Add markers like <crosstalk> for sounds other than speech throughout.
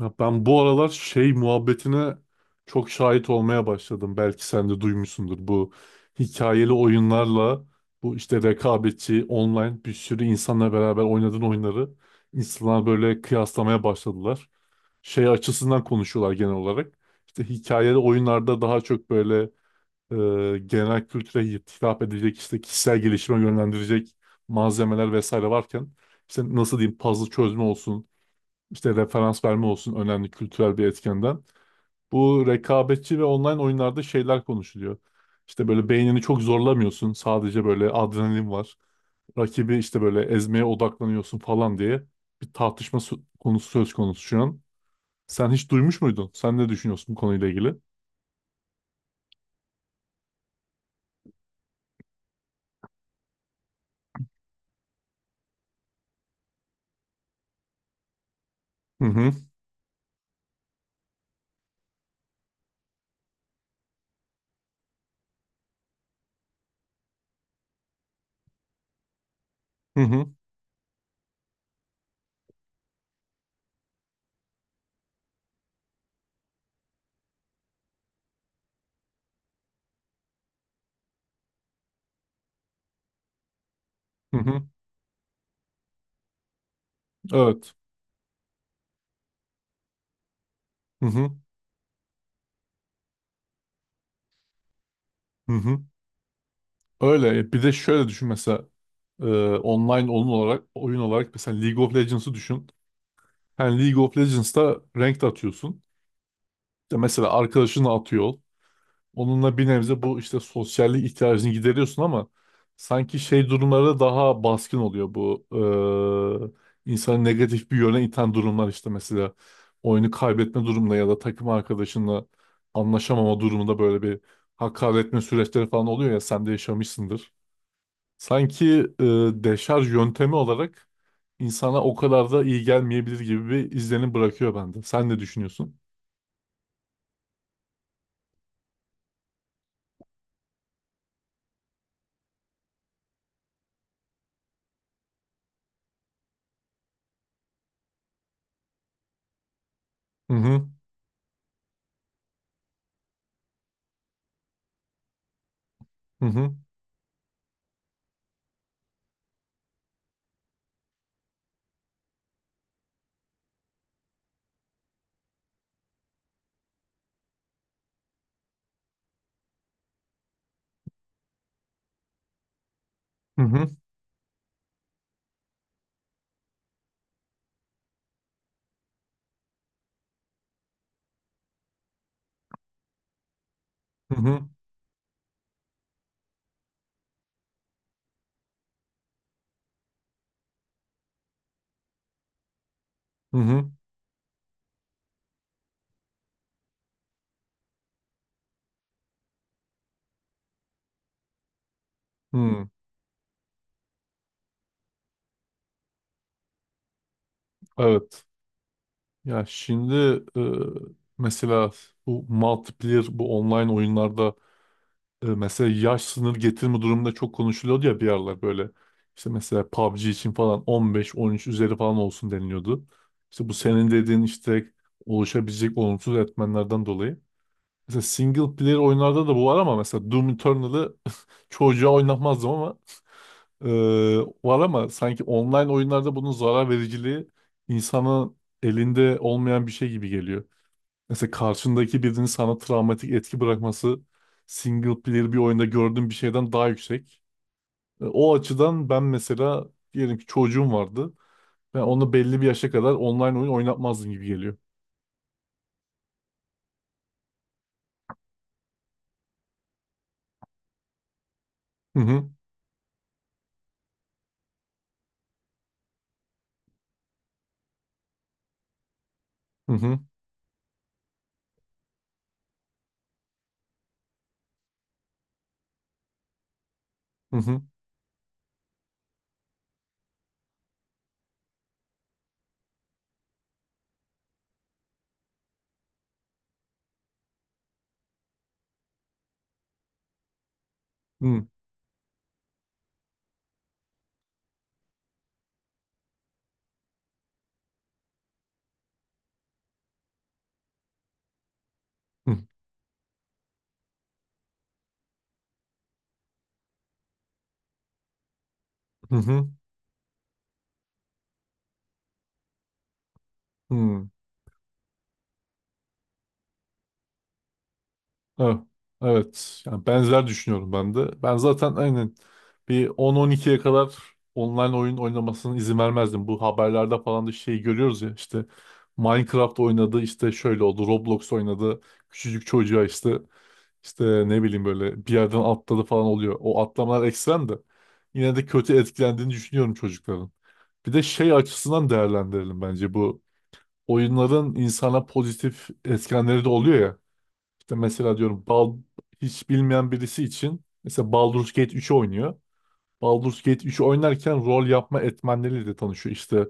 Ya ben bu aralar şey muhabbetine çok şahit olmaya başladım. Belki sen de duymuşsundur. Bu hikayeli oyunlarla bu işte rekabetçi online bir sürü insanla beraber oynadığın oyunları insanlar böyle kıyaslamaya başladılar. Şey açısından konuşuyorlar genel olarak. İşte hikayeli oyunlarda daha çok böyle genel kültüre hitap edecek işte kişisel gelişime yönlendirecek malzemeler vesaire varken işte nasıl diyeyim puzzle çözme olsun işte referans verme olsun önemli kültürel bir etkenden. Bu rekabetçi ve online oyunlarda şeyler konuşuluyor. İşte böyle beynini çok zorlamıyorsun. Sadece böyle adrenalin var. Rakibi işte böyle ezmeye odaklanıyorsun falan diye bir tartışma sö- konusu söz konusu şu an. Sen hiç duymuş muydun? Sen ne düşünüyorsun bu konuyla ilgili? Hı hı hı hı hı hı. Evet. Hı hı hı hı. Öyle. E, bir de şöyle düşün mesela e, online oyun olarak mesela League of Legends'ı düşün. Yani League of Legends'ta ranked atıyorsun. İşte mesela arkadaşını atıyor. Ol. Onunla bir nebze bu işte sosyallik ihtiyacını gideriyorsun ama sanki şey durumlarda daha baskın oluyor bu insanı negatif bir yöne iten durumlar işte mesela oyunu kaybetme durumunda ya da takım arkadaşınla anlaşamama durumunda böyle bir hakaretme süreçleri falan oluyor ya sen de yaşamışsındır. Sanki e, deşarj yöntemi olarak insana o kadar da iyi gelmeyebilir gibi bir izlenim bırakıyor bende. Sen ne düşünüyorsun? Hı hı hı hı hı hı hı hı hı hı. Hı. Evet. Ya şimdi e, mesela bu multiplayer bu online oyunlarda mesela yaş sınır getirme durumunda çok konuşuluyordu ya bir aralar böyle. İşte mesela PUBG için falan 15-13 üzeri falan olsun deniliyordu. İşte bu senin dediğin işte oluşabilecek olumsuz etmenlerden dolayı. Mesela single player oyunlarda da bu var ama mesela Doom Eternal'ı <laughs> çocuğa oynatmazdım ama <laughs> eee, var ama sanki online oyunlarda bunun zarar vericiliği insanın elinde olmayan bir şey gibi geliyor. Mesela karşındaki birinin sana travmatik etki bırakması single player bir oyunda gördüğüm bir şeyden daha yüksek. E, o açıdan ben mesela diyelim ki çocuğum vardı. Ben onu belli bir yaşa kadar online oyun oynatmazdım gibi geliyor. Hı hı hı hı hı hı hı hı hı hı. Evet. Evet. Yani benzer düşünüyorum ben de. Ben zaten aynen bir 10-12'ye kadar online oyun oynamasına izin vermezdim. Bu haberlerde falan da şey görüyoruz ya işte Minecraft oynadı işte şöyle oldu Roblox oynadı küçücük çocuğa işte ne bileyim böyle bir yerden atladı falan oluyor. O atlamalar ekstrem de yine de kötü etkilendiğini düşünüyorum çocukların. Bir de şey açısından değerlendirelim bence bu oyunların insana pozitif etkenleri de oluyor ya. İşte mesela diyorum hiç bilmeyen birisi için mesela Baldur's Gate 3'ü oynuyor. Baldur's Gate 3'ü oynarken rol yapma etmenleriyle de tanışıyor. İşte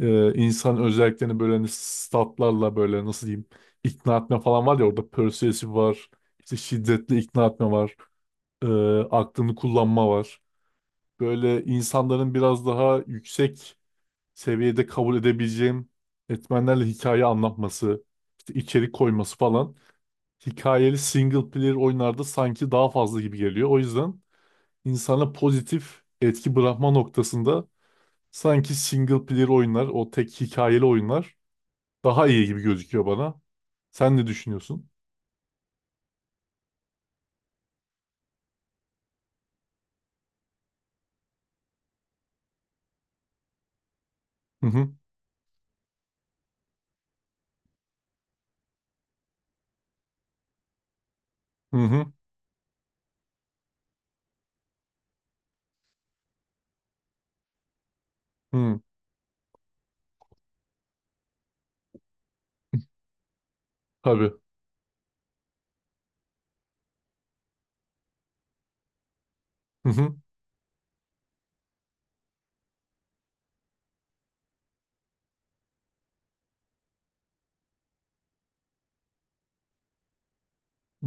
insan özelliklerini böyle hani statlarla böyle nasıl diyeyim ikna etme falan var ya orada persuasive var. İşte şiddetli ikna etme var. e, aklını kullanma var. Böyle insanların biraz daha yüksek seviyede kabul edebileceğim etmenlerle hikaye anlatması, işte içerik koyması falan hikayeli single player oyunlarda sanki daha fazla gibi geliyor. O yüzden insana pozitif etki bırakma noktasında sanki single player oyunlar, o tek hikayeli oyunlar daha iyi gibi gözüküyor bana. Sen ne düşünüyorsun? Hı hı hı hı hı. Tabii. Hı hı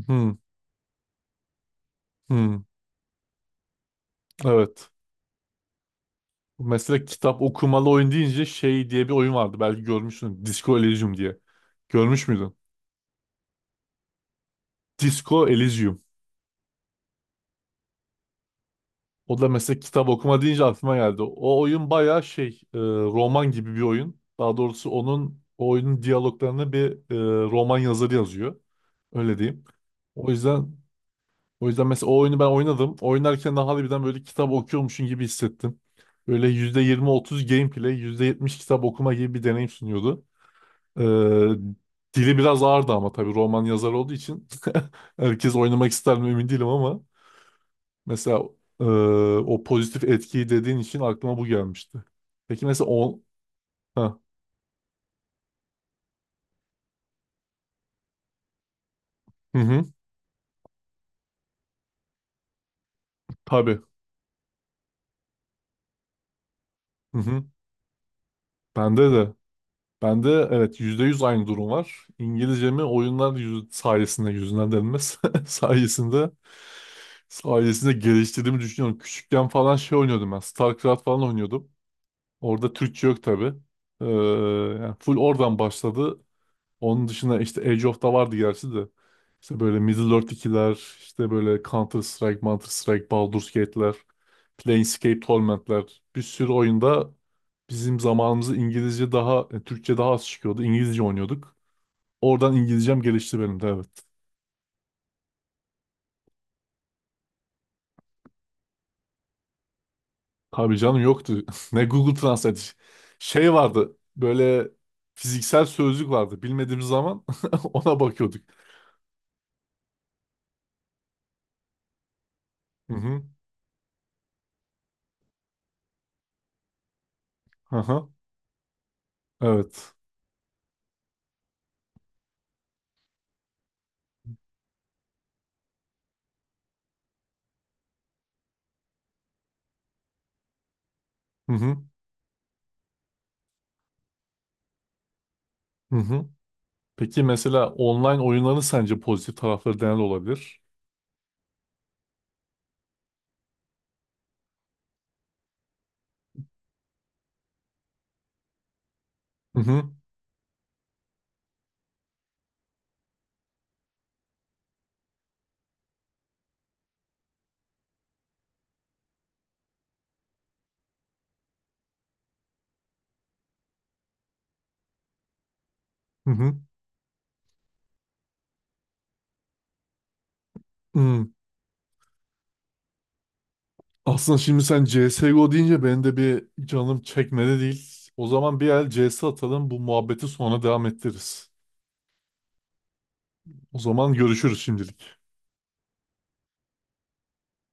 hı hı. Evet. Mesela kitap okumalı oyun deyince şey diye bir oyun vardı. Belki görmüşsün. Disco Elysium diye. Görmüş müydün? Disco Elysium. O da mesela kitap okuma deyince aklıma geldi. O oyun bayağı şey roman gibi bir oyun. Daha doğrusu onun o oyunun diyaloglarını bir roman yazarı yazıyor. Öyle diyeyim. O yüzden o yüzden mesela o oyunu ben oynadım. Oynarken de harbiden böyle kitap okuyormuşum gibi hissettim. Böyle %20-30 gameplay, %70 kitap okuma gibi bir deneyim sunuyordu. E, dili biraz ağırdı ama tabii roman yazarı olduğu için <laughs> herkes oynamak ister mi emin değilim ama. Mesela e, o pozitif etkiyi dediğin için aklıma bu gelmişti. Peki mesela o... Ha, hı hı, tabii. Hı hı. Bende de. Bende evet %100 aynı durum var. İngilizcemi oyunlar yüz, sayesinde yüzünden denilmez. <laughs> sayesinde sayesinde geliştirdiğimi düşünüyorum. Küçükken falan şey oynuyordum ben. StarCraft falan oynuyordum. Orada Türkçe yok tabii. Ee, yani full oradan başladı. Onun dışında işte Age of da vardı gerçi de. İşte böyle Middle-earth ikiler, işte böyle Counter-Strike, Baldur's Gate'ler, Planescape Torment'ler. Bir sürü oyunda bizim zamanımızda İngilizce daha, Türkçe daha az çıkıyordu. İngilizce oynuyorduk. Oradan İngilizcem gelişti benim de evet. Tabii canım yoktu. <laughs> Ne Google Translate. Şey vardı böyle fiziksel sözlük vardı. Bilmediğimiz zaman <laughs> ona bakıyorduk. Hı hı. Hı. Evet. Hı hı. Hı hı. Peki mesela online oyunların sence pozitif tarafları neler olabilir? Hı hı hı hı. Hmm. Aslında şimdi sen CSGO deyince benim de bir canım çekmedi değil. O zaman bir el CS atalım bu muhabbeti sonra devam ettiririz. O zaman görüşürüz şimdilik.